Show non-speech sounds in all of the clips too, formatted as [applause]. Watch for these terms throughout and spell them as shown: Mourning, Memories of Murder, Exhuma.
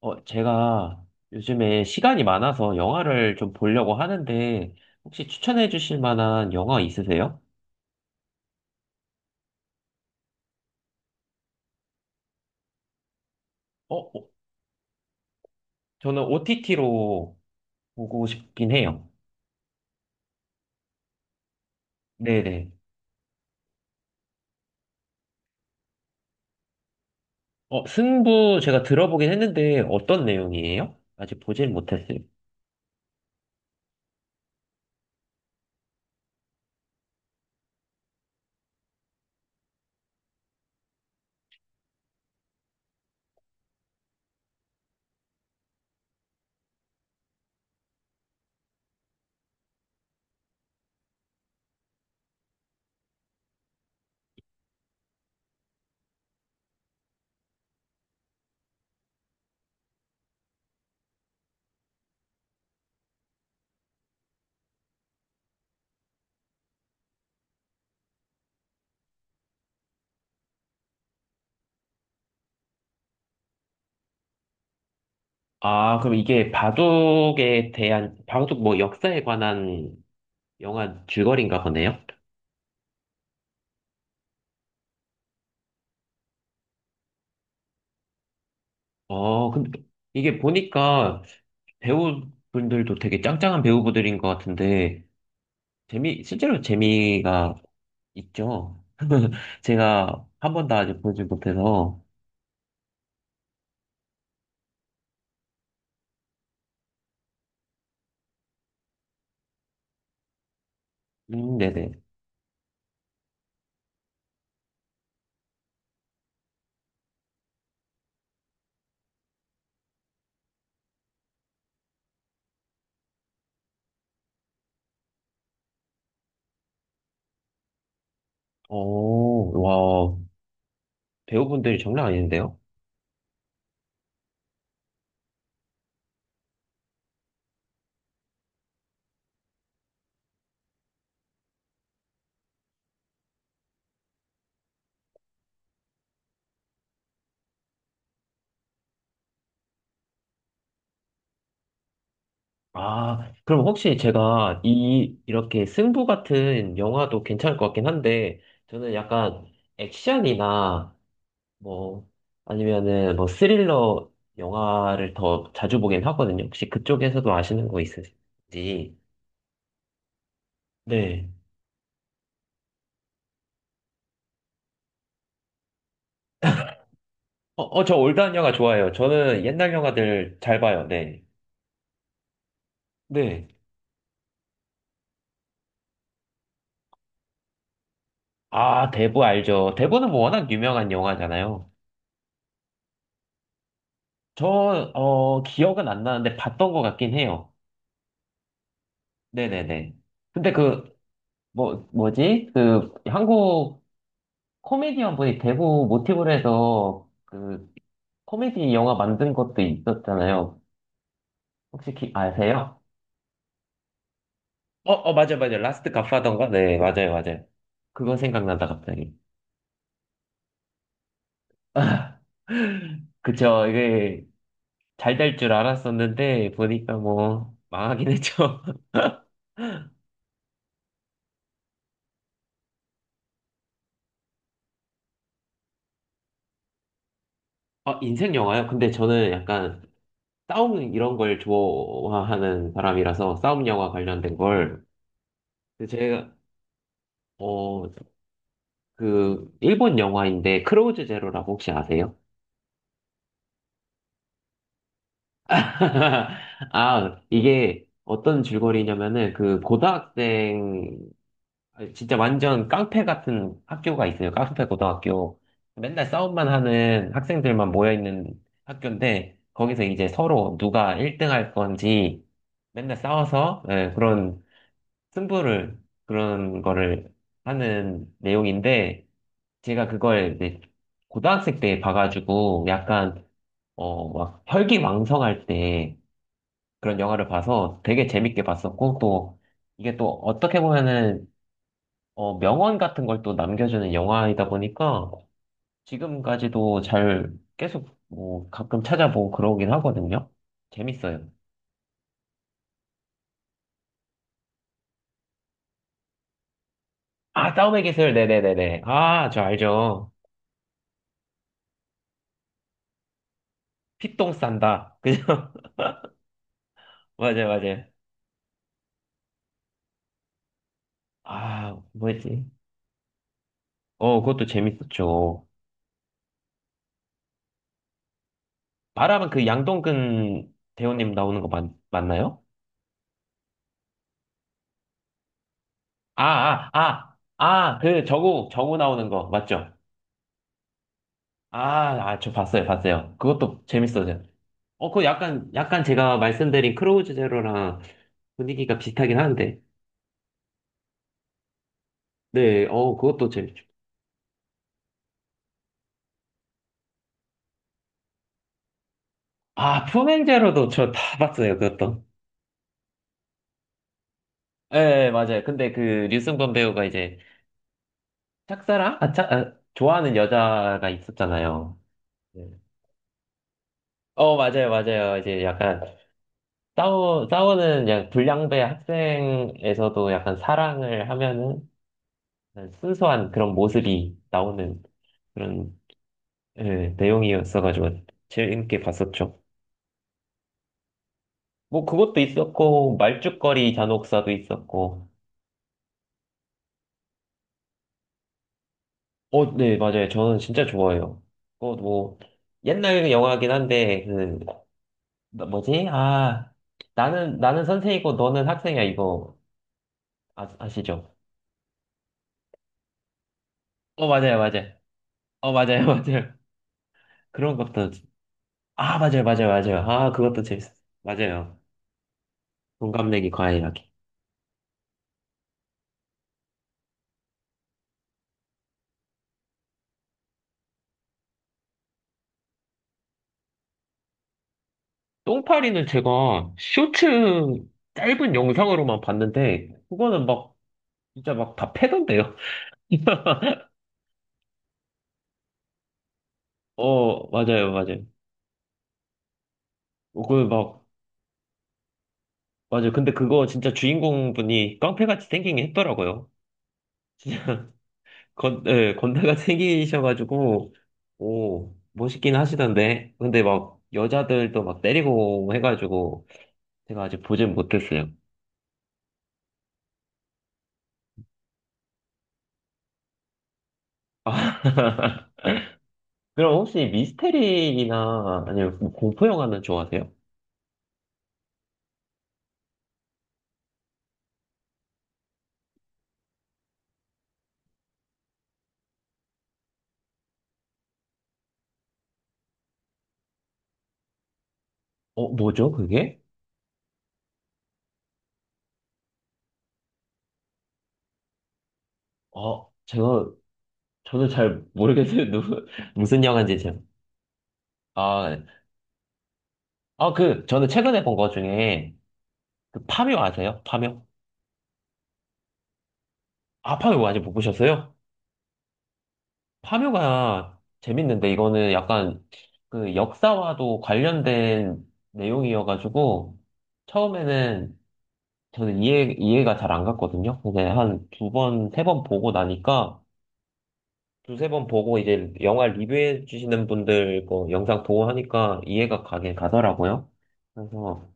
제가 요즘에 시간이 많아서 영화를 좀 보려고 하는데, 혹시 추천해 주실 만한 영화 있으세요? 어, 어, 저는 OTT로 보고 싶긴 해요. 네네. 승부 제가 들어보긴 했는데, 어떤 내용이에요? 아직 보질 못했어요. 아, 그럼 이게 바둑에 대한, 바둑 뭐 역사에 관한 영화 줄거리인가 보네요? 근데 이게 보니까 배우분들도 되게 짱짱한 배우분들인 것 같은데, 실제로 재미가 있죠. [laughs] 제가 한 번도 아직 보지 못해서. 네네. 오, 와, 배우분들이 장난 아닌데요? 아, 그럼 혹시 제가 이렇게 승부 같은 영화도 괜찮을 것 같긴 한데, 저는 약간 액션이나 뭐, 아니면은 뭐 스릴러 영화를 더 자주 보긴 하거든요. 혹시 그쪽에서도 아시는 거 있으신지. 네. 저 올드한 영화 좋아해요. 저는 옛날 영화들 잘 봐요. 네. 네. 아, 대부 알죠. 대부는 뭐 워낙 유명한 영화잖아요. 저, 어, 기억은 안 나는데 봤던 것 같긴 해요. 네네네. 근데 그, 뭐지? 그, 한국 코미디언 분이 대부 모티브로 해서 그, 코미디 영화 만든 것도 있었잖아요. 혹시 아세요? 맞아요, 맞아요. 라스트 갓파던가? 네, 맞아요, 맞아요. 그거 생각난다, 갑자기. [laughs] 그쵸, 이게. 잘될 줄 알았었는데 보니까 뭐 망하긴 했죠. [laughs] 어, 인생 영화요? 근데 저는 약간 싸움 이런 걸 좋아하는 사람이라서 싸움 영화 관련된 걸 근데 제가 어, 그 일본 영화인데 크로우즈 제로라고 혹시 아세요? [laughs] 아, 이게 어떤 줄거리냐면은 그 고등학생 진짜 완전 깡패 같은 학교가 있어요. 깡패 고등학교. 맨날 싸움만 하는 학생들만 모여있는 학교인데, 거기서 이제 서로 누가 1등 할 건지 맨날 싸워서 예, 그런 승부를, 그런 거를 하는 내용인데, 제가 그걸 이제 고등학생 때 봐가지고 약간, 어, 막 혈기왕성할 때 그런 영화를 봐서 되게 재밌게 봤었고, 또 이게 또 어떻게 보면은 어, 명언 같은 걸 또 남겨주는 영화이다 보니까 지금까지도 잘 계속 뭐 가끔 찾아보고 그러긴 하거든요. 재밌어요. 아, 싸움의 기술. 네네네네. 아, 저 알죠. 피똥 싼다. 그죠? [laughs] 맞아요, 맞아요. 아, 뭐였지? 어, 그것도 재밌었죠. 말하면 그 양동근 배우님 나오는 거 맞나요? 아, 아, 아, 아, 그 저구 나오는 거 맞죠? 아, 아, 저 봤어요, 봤어요. 그것도 재밌었어요. 어, 그거 약간 제가 말씀드린 크로우즈 제로랑 분위기가 비슷하긴 한데. 네, 어, 그것도 재밌죠. 아, 푸행 제로도 저 다 봤어요, 그것도. 예, 예, 맞아요. 근데 그 류승범 배우가 이제 짝사랑? 아, 아, 좋아하는 여자가 있었잖아요. 네. 어, 맞아요, 맞아요. 이제 약간 싸우는 그냥 불량배 학생에서도 약간 사랑을 하면은 약간 순수한 그런 모습이 나오는 그런 예, 내용이었어가지고 재밌게 봤었죠. 뭐 그것도 있었고 말죽거리 잔혹사도 있었고 어 네 맞아요 저는 진짜 좋아해요 그거 뭐 옛날 영화긴 한데 그 뭐지 아 나는 선생이고 너는 학생이야 이거 아, 아시죠? 어 맞아요 맞아요 어 맞아요 [laughs] 맞아요 그런 것도 아 맞아요 맞아요 맞아요 아 그것도 재밌었어요 맞아요 공감내기 과일하기 똥파리는 제가 쇼츠 짧은 영상으로만 봤는데 그거는 막 진짜 막 다 패던데요 [laughs] 어, 맞아요, 맞아요. 어, 그, 막, 맞아요. 근데 그거 진짜 주인공분이 깡패같이 생긴 게 했더라고요. 예, 건달같이 [laughs] 생기셔가지고, 오, 멋있긴 하시던데. 근데 막, 여자들도 막 때리고 해가지고, 제가 아직 보진 못했어요. 아, [laughs] 그럼 혹시 미스테리나, 아니면 뭐 공포 영화는 좋아하세요? 어, 뭐죠, 그게? 어, 제가, 저는 잘 모르겠어요. [laughs] 누구, 무슨 영화인지 제가. 아, 아, 그, 저는 최근에 본 거 중에, 그 파묘 아세요? 파묘? 아, 파묘 아직 못 보셨어요? 파묘가 재밌는데 이거는 약간 그 역사와도 관련된 내용이어가지고 처음에는 저는 이해가 잘 안 갔거든요. 근데 한 두 번, 세 번 보고 나니까 두세 번 보고 이제 영화 리뷰해 주시는 분들 거 영상 보고 하니까 이해가 가긴 가더라고요. 그래서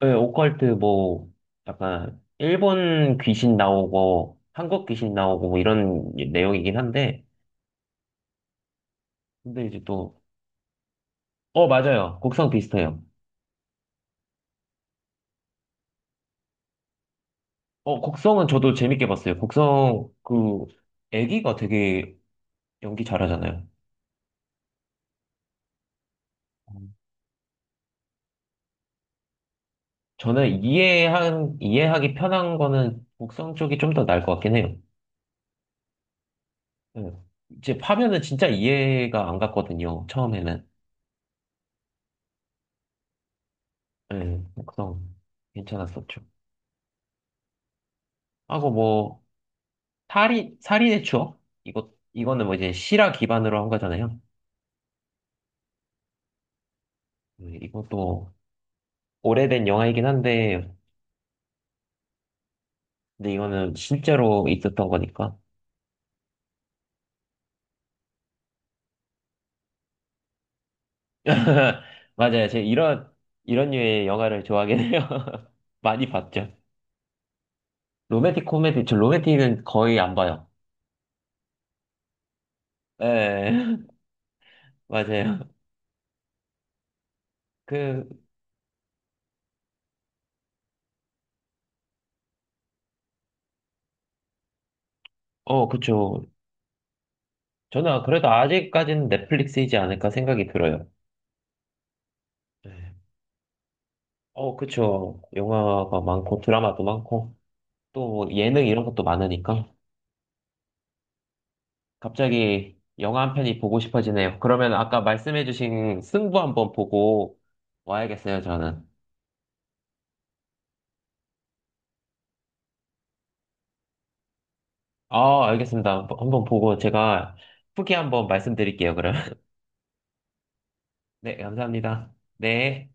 네, 오컬트 뭐 약간 일본 귀신 나오고 한국 귀신 나오고 뭐 이런 내용이긴 한데 근데 이제 또 어 맞아요 곡성 비슷해요 어 곡성은 저도 재밌게 봤어요 곡성 그 애기가 되게 연기 잘하잖아요 음. 저는 이해한 이해하기 편한 거는 곡성 쪽이 좀 더 나을 것 같긴 해요 네. 이제 파면은 진짜 이해가 안 갔거든요 처음에는 네, 곡성 괜찮았었죠 하고 뭐 살인의 추억? 이거는 뭐 이제 실화 기반으로 한 거잖아요. 이것도 오래된 영화이긴 한데, 근데 이거는 실제로 있었던 거니까. [laughs] 맞아요. 제가 이런, 이런 류의 영화를 좋아하긴 해요. [laughs] 많이 봤죠. 로맨틱 코미디, 저 로맨틱은 거의 안 봐요. 예, [laughs] 맞아요. 그, 어, 그쵸. 저는 아, 그래도 아직까지는 넷플릭스이지 않을까 생각이 들어요. 네, 어, 그쵸. 영화가 많고 드라마도 많고. 또 뭐 예능 이런 것도 많으니까 갑자기 영화 한 편이 보고 싶어지네요. 그러면 아까 말씀해주신 승부 한번 보고 와야겠어요, 저는. 아, 알겠습니다. 한번 한번 보고 제가 후기 한번 말씀드릴게요, 그럼. [laughs] 네, 감사합니다. 네.